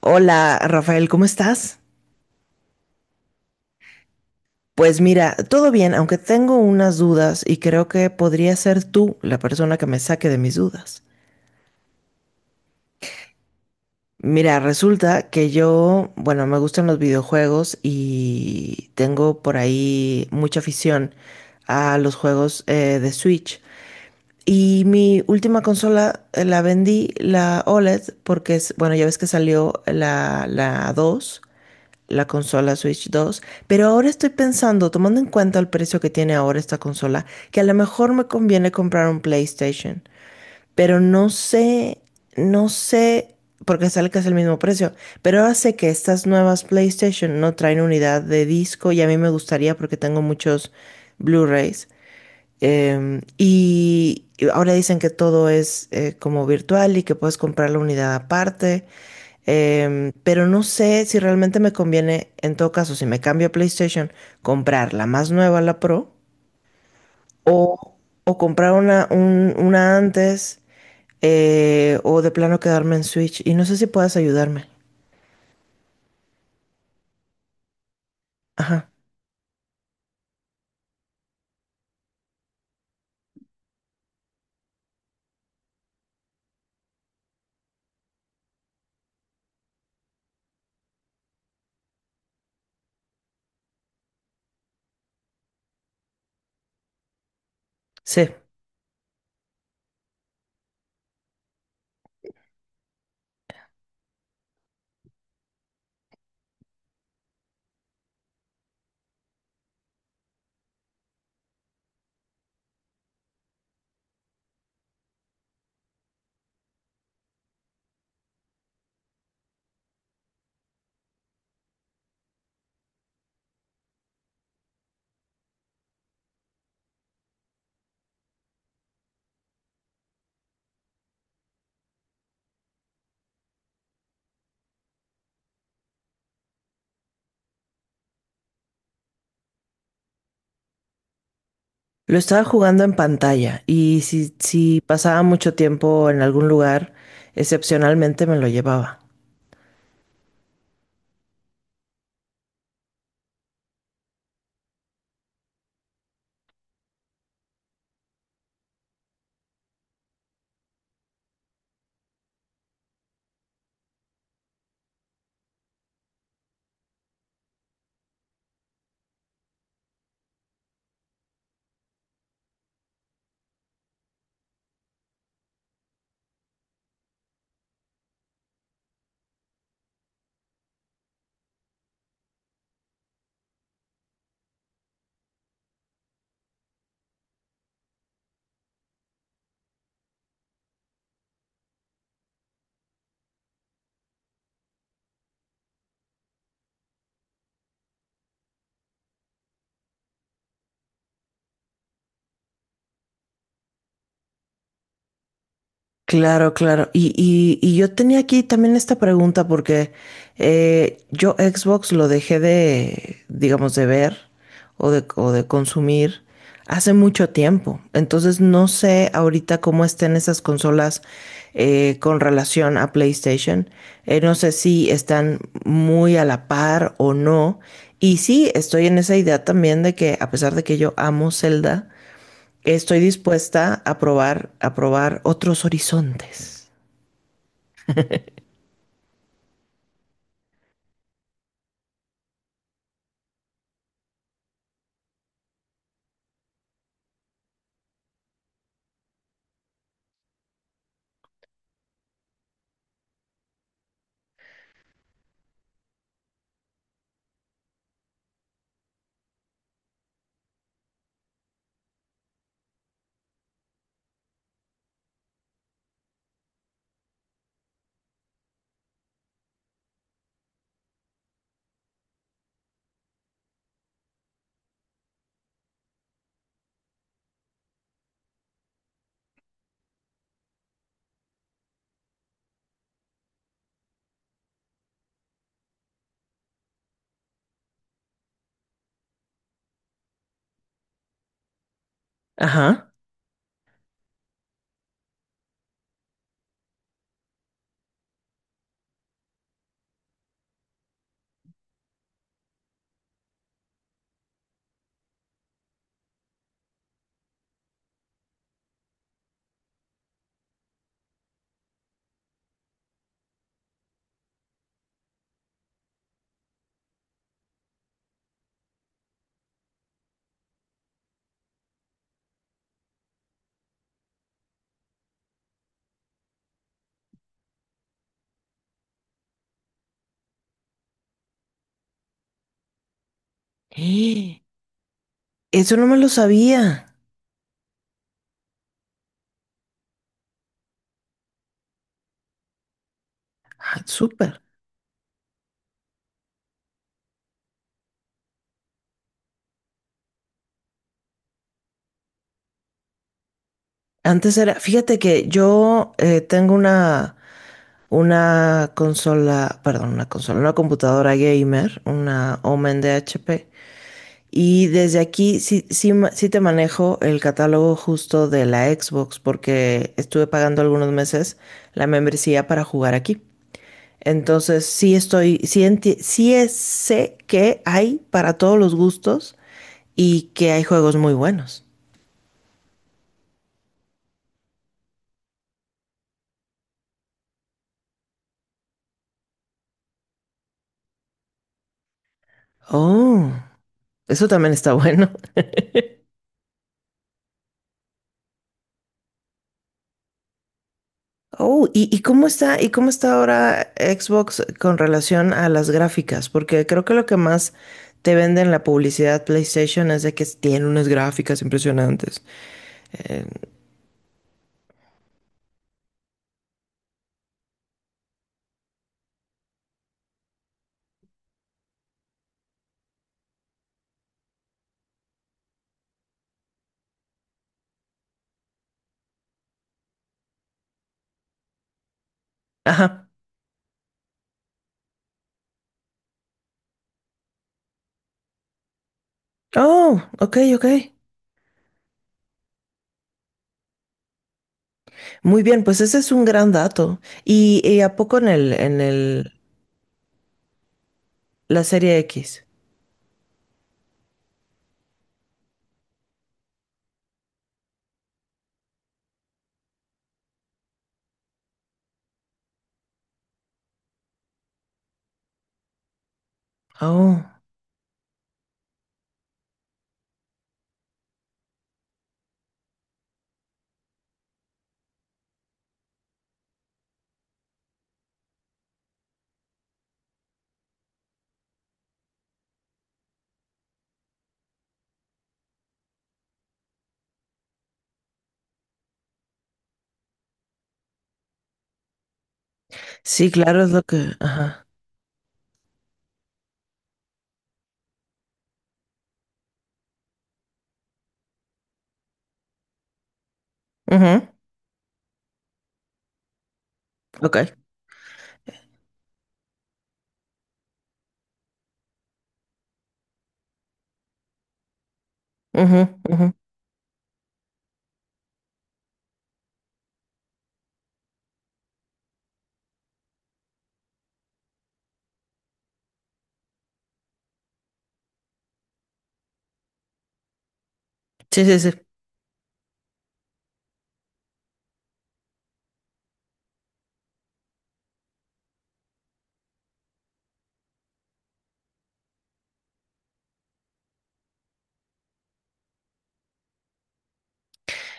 Hola, Rafael, ¿cómo estás? Pues mira, todo bien, aunque tengo unas dudas y creo que podría ser tú la persona que me saque de mis dudas. Mira, resulta que yo, bueno, me gustan los videojuegos y tengo por ahí mucha afición a los juegos de Switch. Y mi última consola la vendí, la OLED, porque es, bueno, ya ves que salió la 2. La consola Switch 2, pero ahora estoy pensando, tomando en cuenta el precio que tiene ahora esta consola, que a lo mejor me conviene comprar un PlayStation, pero no sé, no sé, porque sale casi el mismo precio, pero ahora sé que estas nuevas PlayStation no traen unidad de disco y a mí me gustaría porque tengo muchos Blu-rays. Y ahora dicen que todo es como virtual y que puedes comprar la unidad aparte. Pero no sé si realmente me conviene, en todo caso, si me cambio a PlayStation, comprar la más nueva, la Pro, o, o comprar una, una antes, o de plano quedarme en Switch. Y no sé si puedas ayudarme. Ajá, sí. Lo estaba jugando en pantalla y si, si pasaba mucho tiempo en algún lugar, excepcionalmente me lo llevaba. Claro, claro. Y yo tenía aquí también esta pregunta porque yo Xbox lo dejé de, digamos, de ver o de consumir hace mucho tiempo. Entonces no sé ahorita cómo estén esas consolas con relación a PlayStation. No sé si están muy a la par o no. Y sí, estoy en esa idea también de que a pesar de que yo amo Zelda, estoy dispuesta a probar otros horizontes. Ajá. ¡Eh! Eso no me lo sabía. Ah, súper. Antes era, fíjate que yo tengo una consola, perdón, una consola, una computadora gamer, una Omen de HP. Y desde aquí sí, sí, sí te manejo el catálogo justo de la Xbox porque estuve pagando algunos meses la membresía para jugar aquí. Entonces, sí estoy, sí, sé que hay para todos los gustos y que hay juegos muy buenos. Oh, eso también está bueno. Oh, y cómo está ahora Xbox con relación a las gráficas? Porque creo que lo que más te vende en la publicidad PlayStation es de que tiene unas gráficas impresionantes. Eh, ajá. Oh, ok, ok. Muy bien, pues ese es un gran dato. Y a poco en el, la serie X? Oh, sí, claro, es lo que. Ajá. Ujú, ok. Ujú, ujú. Sí, sí, sí.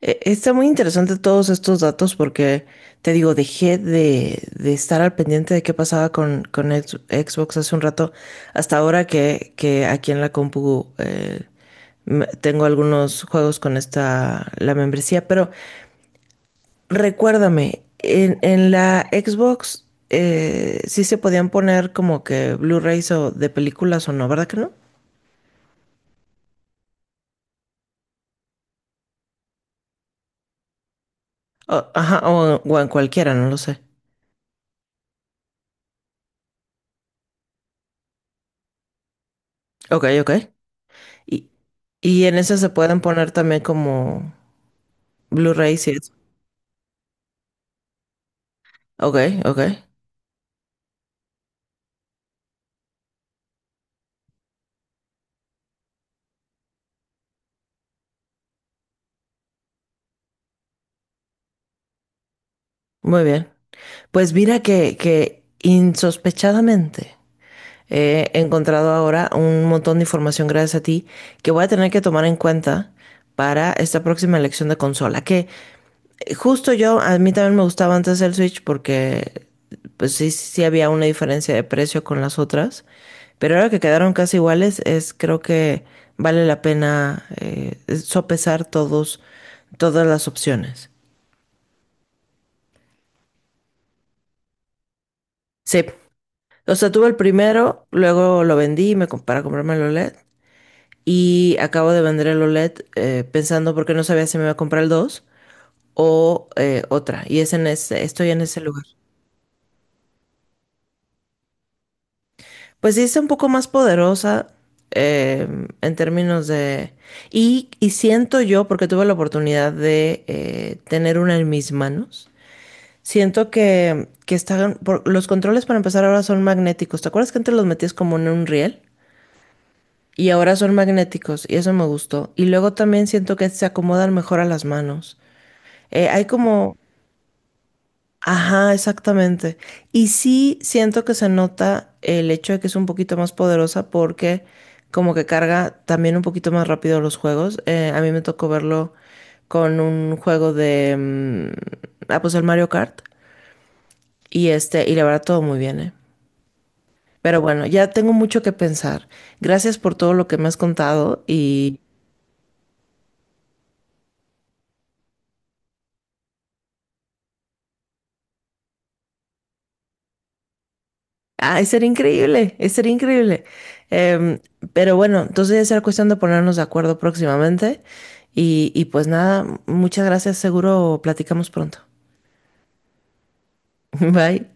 Está muy interesante todos estos datos porque, te digo, dejé de estar al pendiente de qué pasaba con Xbox hace un rato, hasta ahora que aquí en la compu tengo algunos juegos con esta, la membresía, pero recuérdame, en la Xbox sí se podían poner como que Blu-rays o de películas o no, ¿verdad que no? O, ajá, o en cualquiera, no lo sé. Ok, ok. Y, y en ese se pueden poner también como Blu-rays y eso. Ok, ok. Muy bien. Pues mira que insospechadamente he encontrado ahora un montón de información gracias a ti que voy a tener que tomar en cuenta para esta próxima elección de consola. Justo yo, a mí también me gustaba antes el Switch porque pues sí, sí había una diferencia de precio con las otras, pero ahora que quedaron casi iguales, es creo que vale la pena sopesar todos, todas las opciones. Sí, o sea, tuve el primero, luego lo vendí y me, para comprarme el OLED y acabo de vender el OLED pensando porque no sabía si me iba a comprar el 2 o otra, y es en ese, estoy en ese lugar. Pues sí, está un poco más poderosa. En términos de... Y, y siento yo, porque tuve la oportunidad de tener una en mis manos, siento que están... los controles para empezar ahora son magnéticos. ¿Te acuerdas que antes los metías como en un riel? Y ahora son magnéticos y eso me gustó. Y luego también siento que se acomodan mejor a las manos. Hay como... Ajá, exactamente. Y sí siento que se nota el hecho de que es un poquito más poderosa porque como que carga también un poquito más rápido los juegos. A mí me tocó verlo con un juego de... mm, ah, pues el Mario Kart. Y este, y la verdad todo muy bien, ¿eh? Pero bueno, ya tengo mucho que pensar. Gracias por todo lo que me has contado y ay, sería increíble, sería increíble. Em, pero bueno, entonces ya será cuestión de ponernos de acuerdo próximamente. Y pues nada, muchas gracias, seguro platicamos pronto. Bye.